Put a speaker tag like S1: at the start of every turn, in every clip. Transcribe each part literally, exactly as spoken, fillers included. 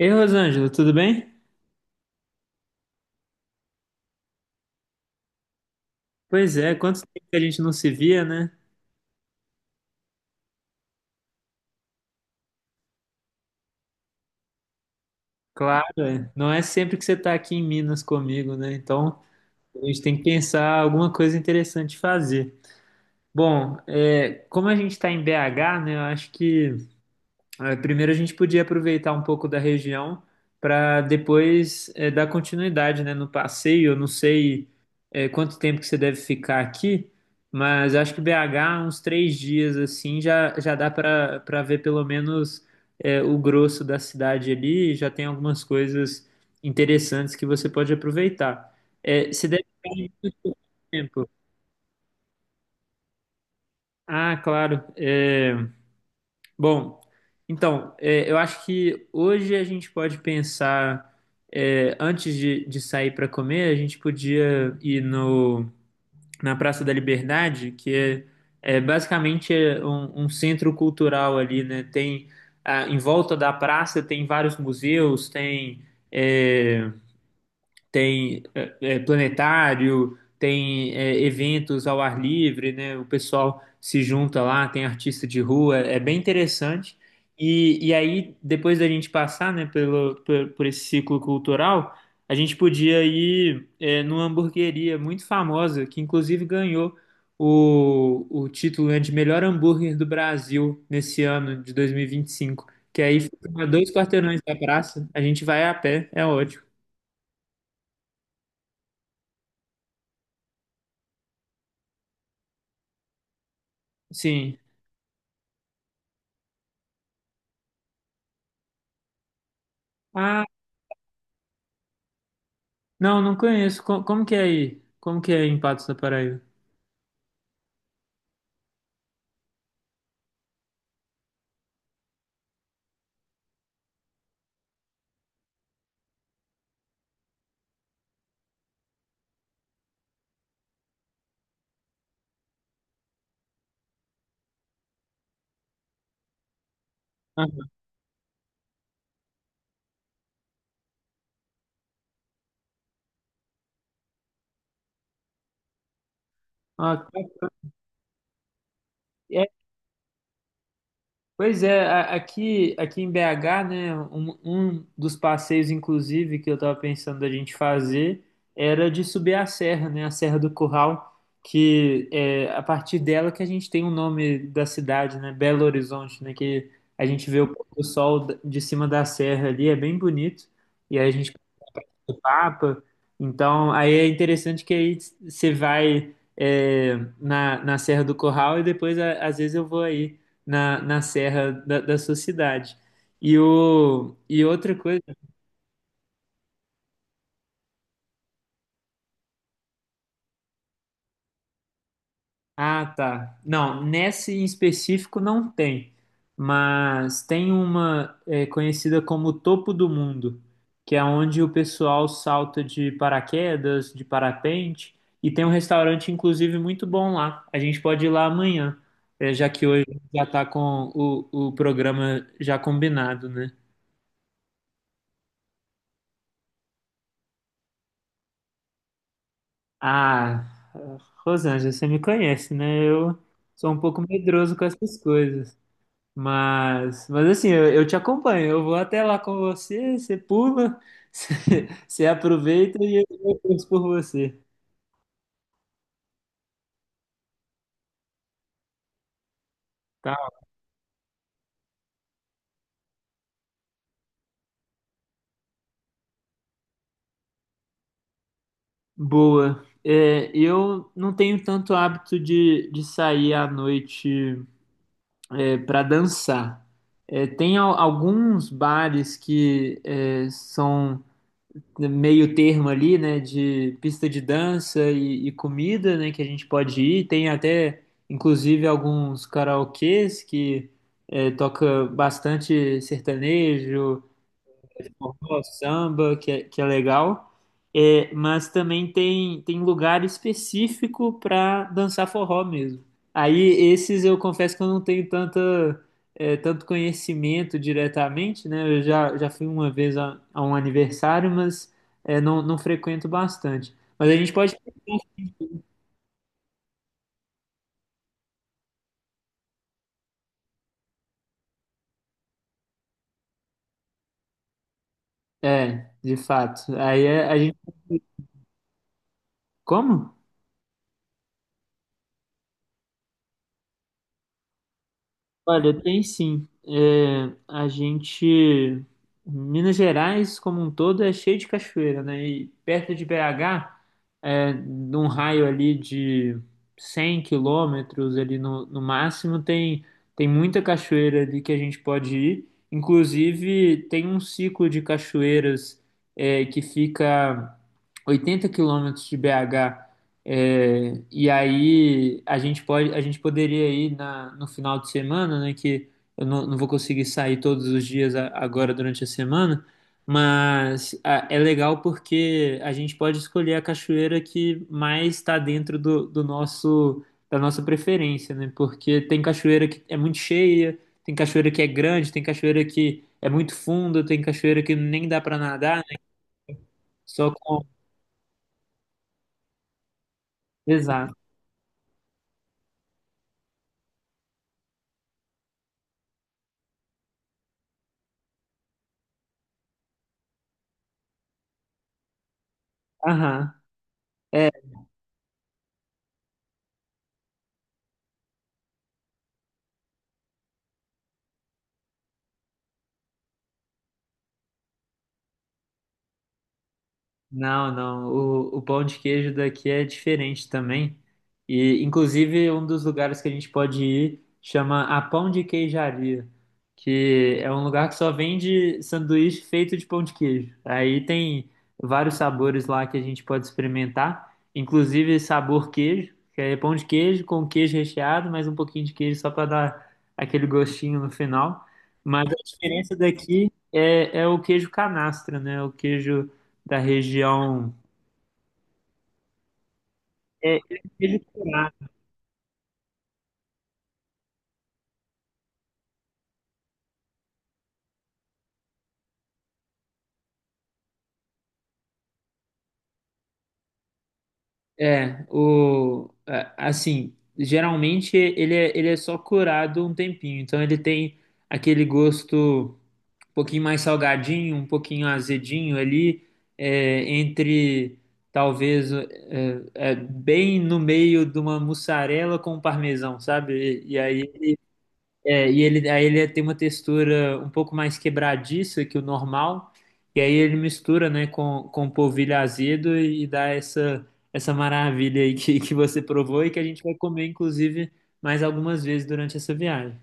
S1: Ei, Rosângela, tudo bem? Pois é, quanto tempo que a gente não se via, né? Claro, é. não é sempre que você está aqui em Minas comigo, né? Então, a gente tem que pensar alguma coisa interessante de fazer. Bom, é, como a gente está em B H, né? Eu acho que É, Primeiro a gente podia aproveitar um pouco da região para depois é, dar continuidade, né, no passeio. Eu não sei é, quanto tempo que você deve ficar aqui, mas acho que B H uns três dias assim já, já dá para para ver pelo menos é, o grosso da cidade ali. E já tem algumas coisas interessantes que você pode aproveitar. É, você deve ficar aí muito pouco tempo. Ah, claro. Eh, Bom, então, é, eu acho que hoje a gente pode pensar, é, antes de, de sair para comer, a gente podia ir no, na Praça da Liberdade, que é, é basicamente é um, um centro cultural ali, né? Tem, ah, em volta da praça tem vários museus, tem é, tem é, é, planetário, tem é, eventos ao ar livre, né? O pessoal se junta lá, tem artista de rua, é bem interessante. E, e aí, depois da gente passar, né, pelo, por, por esse ciclo cultural, a gente podia ir é, numa hamburgueria muito famosa, que inclusive ganhou o, o título, né, de melhor hambúrguer do Brasil nesse ano de dois mil e vinte e cinco. Que aí fica a dois quarteirões da praça, a gente vai a pé, é ótimo. Sim. Ah, não, não conheço. Co- Como, que é aí? Como que é em Patos da Paraíba? Aham. Ah, tá. é, Pois é, a- aqui, aqui em B H, né, um, um dos passeios, inclusive, que eu estava pensando da gente fazer era de subir a serra, né, a Serra do Curral, que é a partir dela que a gente tem o nome da cidade, né, Belo Horizonte, né, que a gente vê o pôr do sol d- de cima da serra ali, é bem bonito, e aí a gente do Papa. Então, aí é interessante que aí você vai é, na, na Serra do Corral e depois, a- às vezes, eu vou aí na, na Serra da, da sua cidade. E, o, e outra coisa. Ah, tá. Não, nesse em específico não tem, mas tem uma é, conhecida como Topo do Mundo, que é onde o pessoal salta de paraquedas, de parapente, e tem um restaurante, inclusive, muito bom lá. A gente pode ir lá amanhã, é, já que hoje já tá com o, o programa já combinado, né? Ah, Rosângela, você me conhece, né? Eu sou um pouco medroso com essas coisas. Mas, mas assim, eu, eu te acompanho. Eu vou até lá com você, você pula, você, você aproveita e eu eu torço por você. Tá. Boa. É, eu não tenho tanto hábito de, de sair à noite é, para dançar. É, tem al- alguns bares que é, são meio termo ali, né, de pista de dança e, e comida, né, que a gente pode ir. Tem até, inclusive, alguns karaokês que eh, toca bastante sertanejo, forró, samba, que é, que é legal, é, mas também tem, tem lugar específico para dançar forró mesmo. Aí esses eu confesso que eu não tenho tanta, é, tanto conhecimento diretamente, né? Eu já, já fui uma vez a, a um aniversário, mas é, não, não frequento bastante. Mas a gente pode. É, de fato. Aí é- a gente. Como? Olha, tem sim. É, a gente. Minas Gerais, como um todo, é cheio de cachoeira, né? E perto de B H, é, num raio ali de cem quilômetros, ali no, no máximo, tem, tem muita cachoeira ali que a gente pode ir. Inclusive, tem um ciclo de cachoeiras, é, que fica oitenta quilômetros de B H. É, e aí a gente pode, a gente poderia ir na, no final de semana, né? Que eu não, não vou conseguir sair todos os dias a- agora durante a semana, mas a- é legal porque a gente pode escolher a cachoeira que mais está dentro do, do nosso da nossa preferência, né? Porque tem cachoeira que é muito cheia, tem cachoeira que é grande, tem cachoeira que é muito funda, tem cachoeira que nem dá para nadar, né? Só com... Exato. Aham. é, Não, não. O, o pão de queijo daqui é diferente também. E, inclusive, um dos lugares que a gente pode ir chama a Pão de Queijaria, que é um lugar que só vende sanduíche feito de pão de queijo. Aí tem vários sabores lá que a gente pode experimentar, inclusive sabor queijo, que é pão de queijo com queijo recheado, mais um pouquinho de queijo só para dar aquele gostinho no final. Mas a diferença daqui é, é o queijo canastra, né? O queijo da região. É, ele é, o, é, assim, geralmente ele é, ele é só curado um tempinho, então ele tem aquele gosto um pouquinho mais salgadinho, um pouquinho azedinho ali, é, entre talvez é, é, bem no meio de uma mussarela com um parmesão, sabe? E, e aí É, e ele, aí ele tem uma textura um pouco mais quebradiça que o normal, e aí ele mistura, né, com, com polvilho azedo e dá essa, essa maravilha aí que, que você provou e que a gente vai comer, inclusive, mais algumas vezes durante essa viagem.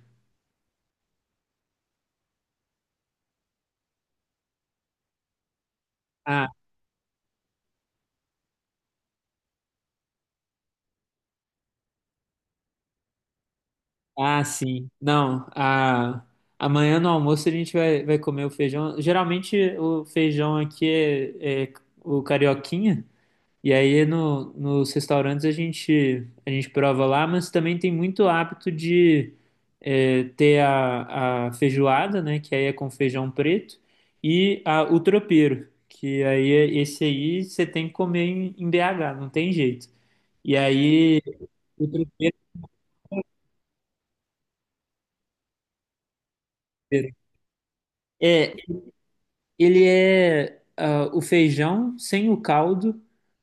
S1: Ah, ah, sim. Não, a, amanhã no almoço a gente vai, vai comer o feijão. Geralmente o feijão aqui é, é o carioquinha, e aí no, nos restaurantes a gente, a gente prova lá, mas também tem muito hábito de é, ter a, a feijoada, né? Que aí é com feijão preto, e a- o tropeiro, que aí é- esse aí você tem que comer em, em B H, não tem jeito. E aí o tropeiro. É, Ele é ah, o feijão sem o caldo,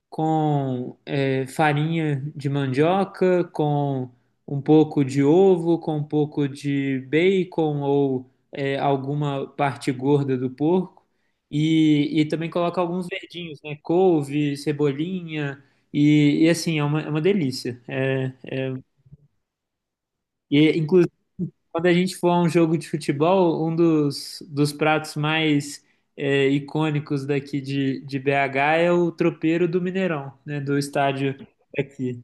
S1: com eh, farinha de mandioca, com um pouco de ovo, com um pouco de bacon ou eh, alguma parte gorda do porco. E, e também coloca alguns verdinhos, né? Couve, cebolinha. E, e, assim, é uma, é uma delícia. É, e, inclusive, quando a gente for a um jogo de futebol, um dos, dos pratos mais é, icônicos daqui de, de B H é o tropeiro do Mineirão, né? Do estádio aqui.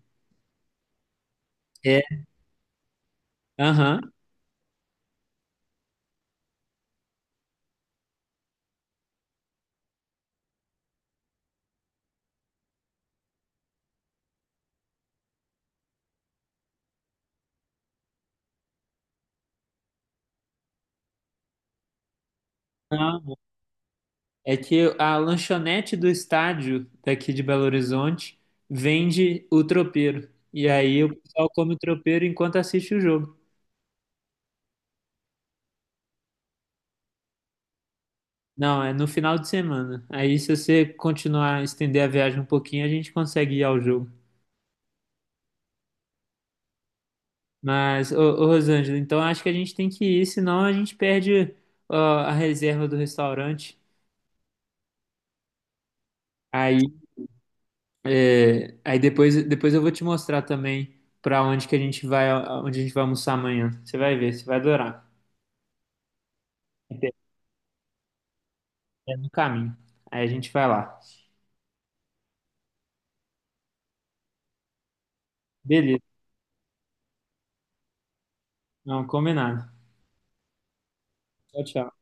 S1: É, aham. Não, é que a lanchonete do estádio daqui de Belo Horizonte vende o tropeiro. E aí o pessoal come o tropeiro enquanto assiste o jogo. Não, é no final de semana. Aí se você continuar a estender a viagem um pouquinho, a gente consegue ir ao jogo. Mas, ô, ô Rosângela, então acho que a gente tem que ir, senão a gente perde ó, a reserva do restaurante. Aí, é, aí depois, depois eu vou te mostrar também para onde que a gente vai, onde a gente vai almoçar amanhã. Você vai ver, você vai adorar. É no caminho. Aí a gente vai lá. Beleza, não, combinado. Tchau, tchau.